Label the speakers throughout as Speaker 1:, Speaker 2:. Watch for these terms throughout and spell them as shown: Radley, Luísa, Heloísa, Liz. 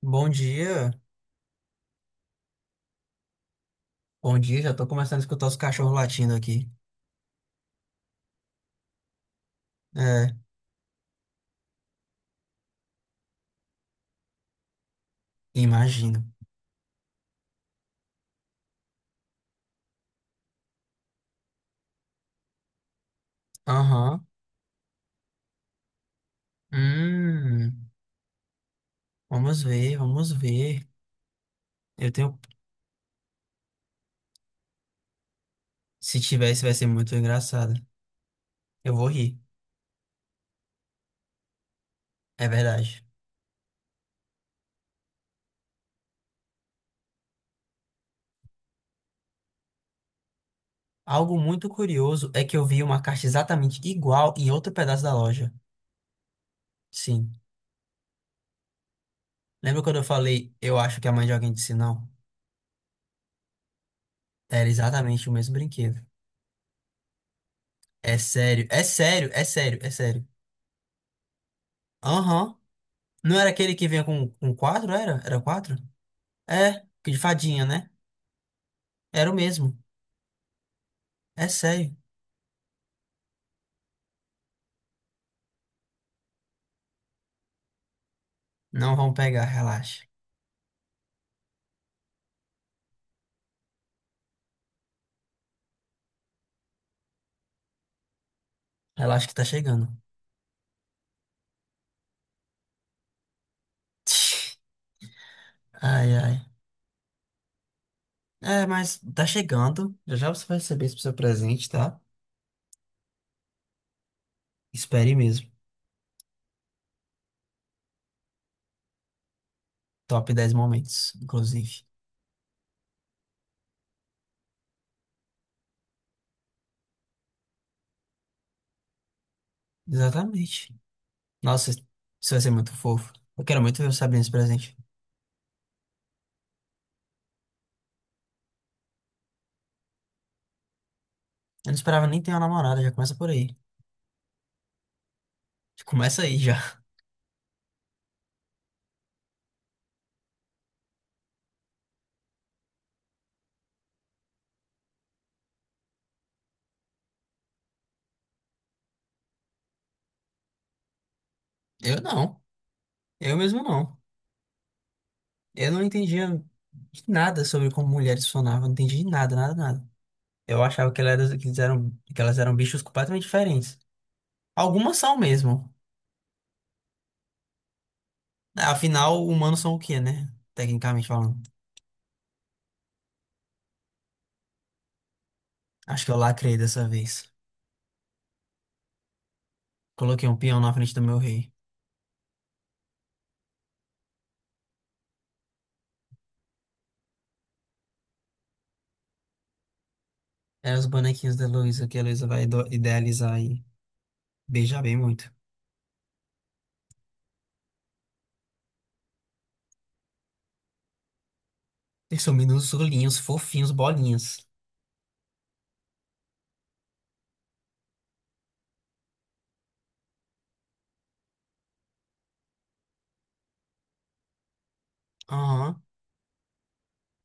Speaker 1: Bom dia. Bom dia, já tô começando a escutar os cachorros latindo aqui. É, imagino. Aham. Hum, Vamos ver, vamos ver. Eu tenho. Se tivesse, vai ser muito engraçado. Eu vou rir. É verdade. Algo muito curioso é que eu vi uma caixa exatamente igual em outro pedaço da loja. Sim. Lembra quando eu falei, eu acho que a mãe de alguém disse não? Era exatamente o mesmo brinquedo. É sério, é sério, é sério, é sério. Aham. Não era aquele que vinha com quatro, era? Era quatro? É, que de fadinha, né? Era o mesmo. É sério. Não vão pegar, relaxa. Relaxa que tá chegando. Ai, ai. É, mas tá chegando. Já já você vai receber esse seu presente, tá? Espere mesmo. Top 10 momentos, inclusive. Exatamente. Nossa, isso vai ser muito fofo. Eu quero muito ver você abrindo esse presente. Eu não esperava nem ter uma namorada, já começa por aí. Já começa aí já. Eu não. Eu mesmo não. Eu não entendia nada sobre como mulheres funcionavam. Não entendi nada, nada, nada. Eu achava que elas eram, que elas eram bichos completamente diferentes. Algumas são mesmo. Afinal, humanos são o quê, né? Tecnicamente falando. Acho que eu lacrei dessa vez. Coloquei um peão na frente do meu rei. É os bonequinhos da Luísa que a Luísa vai idealizar e beijar bem muito. Eles são minúsculinhos, fofinhos, bolinhas. Aham.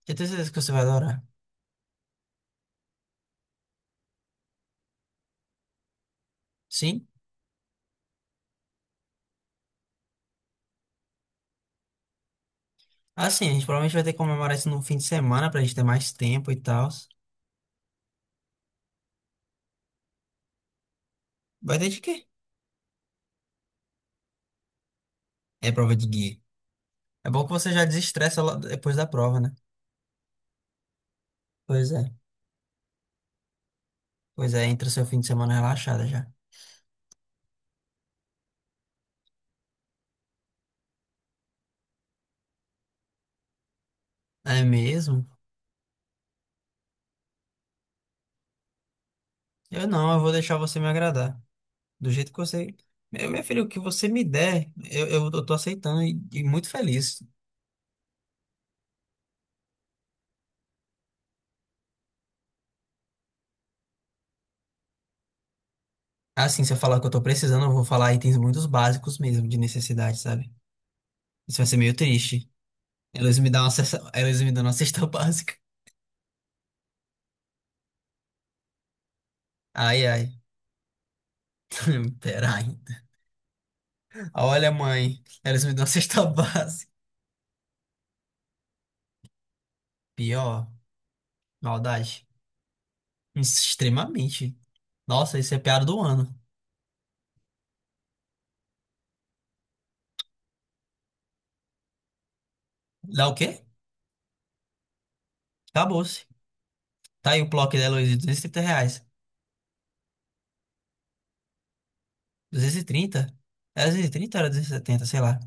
Speaker 1: Eu tenho certeza que você vai adorar. Sim? Assim, a gente provavelmente vai ter que comemorar isso no fim de semana pra gente ter mais tempo e tal. Vai ter de quê? É prova de guia. É bom que você já desestressa lá depois da prova, né? Pois é. Pois é, entra seu fim de semana relaxada já. É mesmo? Eu não, eu vou deixar você me agradar. Do jeito que você. Meu, minha filha, o que você me der, eu tô aceitando e muito feliz. Assim, se eu falar o que eu tô precisando, eu vou falar itens muito básicos mesmo, de necessidade, sabe? Isso vai ser meio triste. Eles me dão uma cesta, eles me dão uma cesta básica. Ai, ai. Peraí. Olha, mãe, eles me dão uma cesta básica. Pior, maldade. Extremamente. Nossa, isso é piada do ano. Dá o quê? Acabou-se. Tá aí o Plock da Heloísa, R$ 230. Duzentos e trinta Era 230 ou era 270, sei lá.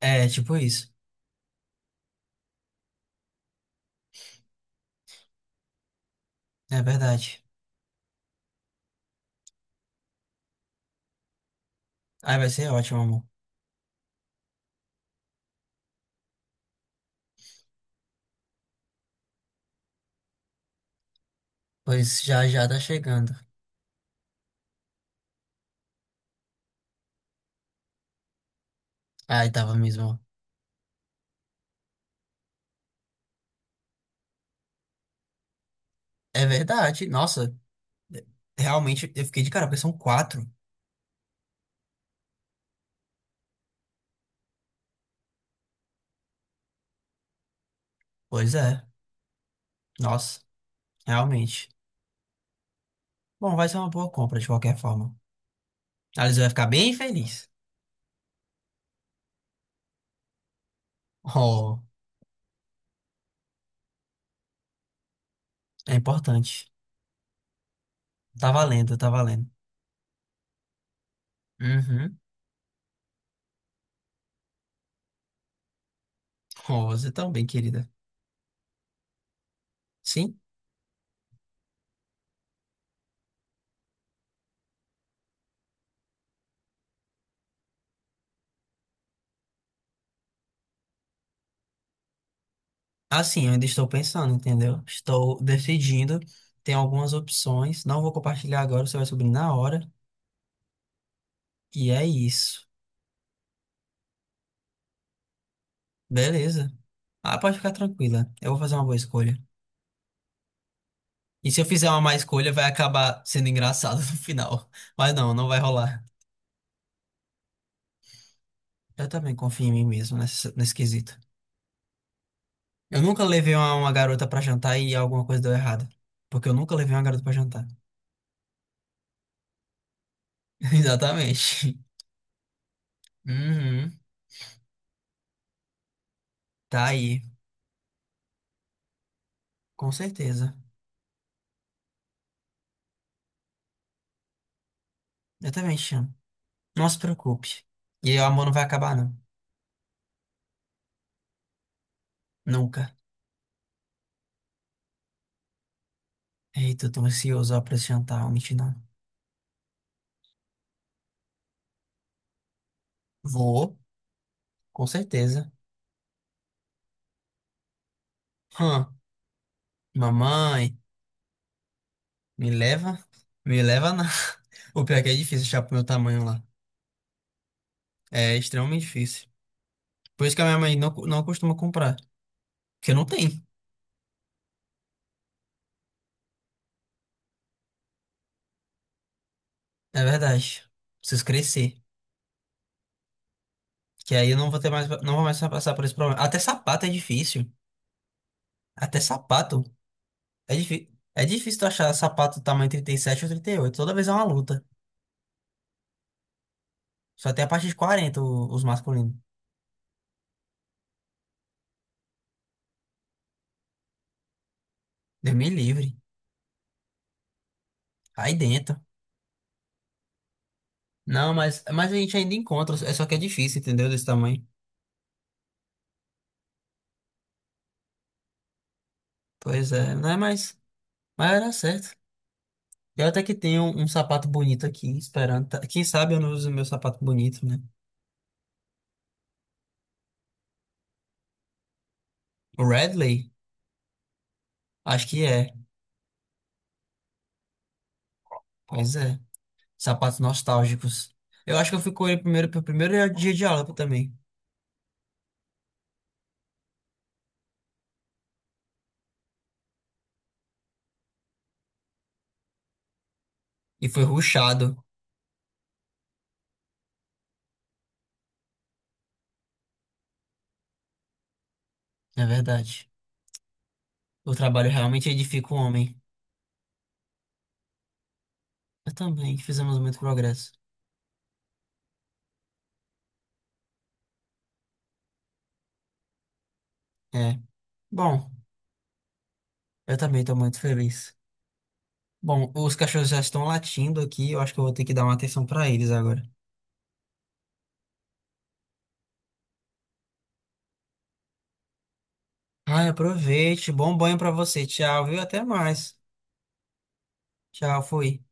Speaker 1: É, tipo isso. É verdade. Ai, vai ser ótimo, amor. Pois já já tá chegando. Ai, tava mesmo. É verdade. Nossa, realmente eu fiquei de cara, porque são quatro. Pois é. Nossa, realmente. Bom, vai ser uma boa compra de qualquer forma. A Liz vai ficar bem feliz. Oh, é importante. Tá valendo, tá valendo. Uhum. Oh, você tão bem, querida. Sim. Assim, eu ainda estou pensando, entendeu? Estou decidindo. Tem algumas opções. Não vou compartilhar agora, você vai subir na hora. E é isso. Beleza. Ah, pode ficar tranquila. Eu vou fazer uma boa escolha. E se eu fizer uma má escolha, vai acabar sendo engraçado no final. Mas não, não vai rolar. Eu também confio em mim mesmo nesse quesito. Eu nunca levei uma garota pra jantar e alguma coisa deu errado. Porque eu nunca levei uma garota pra jantar. Exatamente. Uhum. Tá aí. Com certeza. Eu também te chamo. Não se preocupe. E o amor não vai acabar, não. Nunca. Eita, eu tô ansioso ó, pra esse jantar, vou mentir não. Vou, com certeza. Hã, mamãe, me leva? Me leva não. O pior é que é difícil achar pro meu tamanho lá. É extremamente difícil. Por isso que a minha mãe não costuma comprar. Porque não tem, é verdade. Preciso crescer. Que aí eu não vou ter mais, não vou mais passar por esse problema. Até sapato é difícil. Até sapato é difícil. É difícil tu achar sapato tamanho 37 ou 38. Toda vez é uma luta. Só tem a partir de 40 os masculinos. Deus me livre. Aí dentro. Não, mas a gente ainda encontra. É só que é difícil, entendeu? Desse tamanho. Pois é, não é mais. Mas era certo. Eu até que tenho um sapato bonito aqui, esperando. Quem sabe eu não uso meu sapato bonito, né? O Radley? Acho que é. Pois é. Sapatos nostálgicos. Eu acho que eu fui com ele primeiro pro primeiro dia de aula também. E foi ruchado. É verdade. O trabalho realmente edifica o homem. Eu também. Fizemos muito progresso. É. Bom. Eu também estou muito feliz. Bom, os cachorros já estão latindo aqui, eu acho que eu vou ter que dar uma atenção para eles agora. Ai, aproveite, bom banho para você. Tchau, viu? Até mais. Tchau, fui.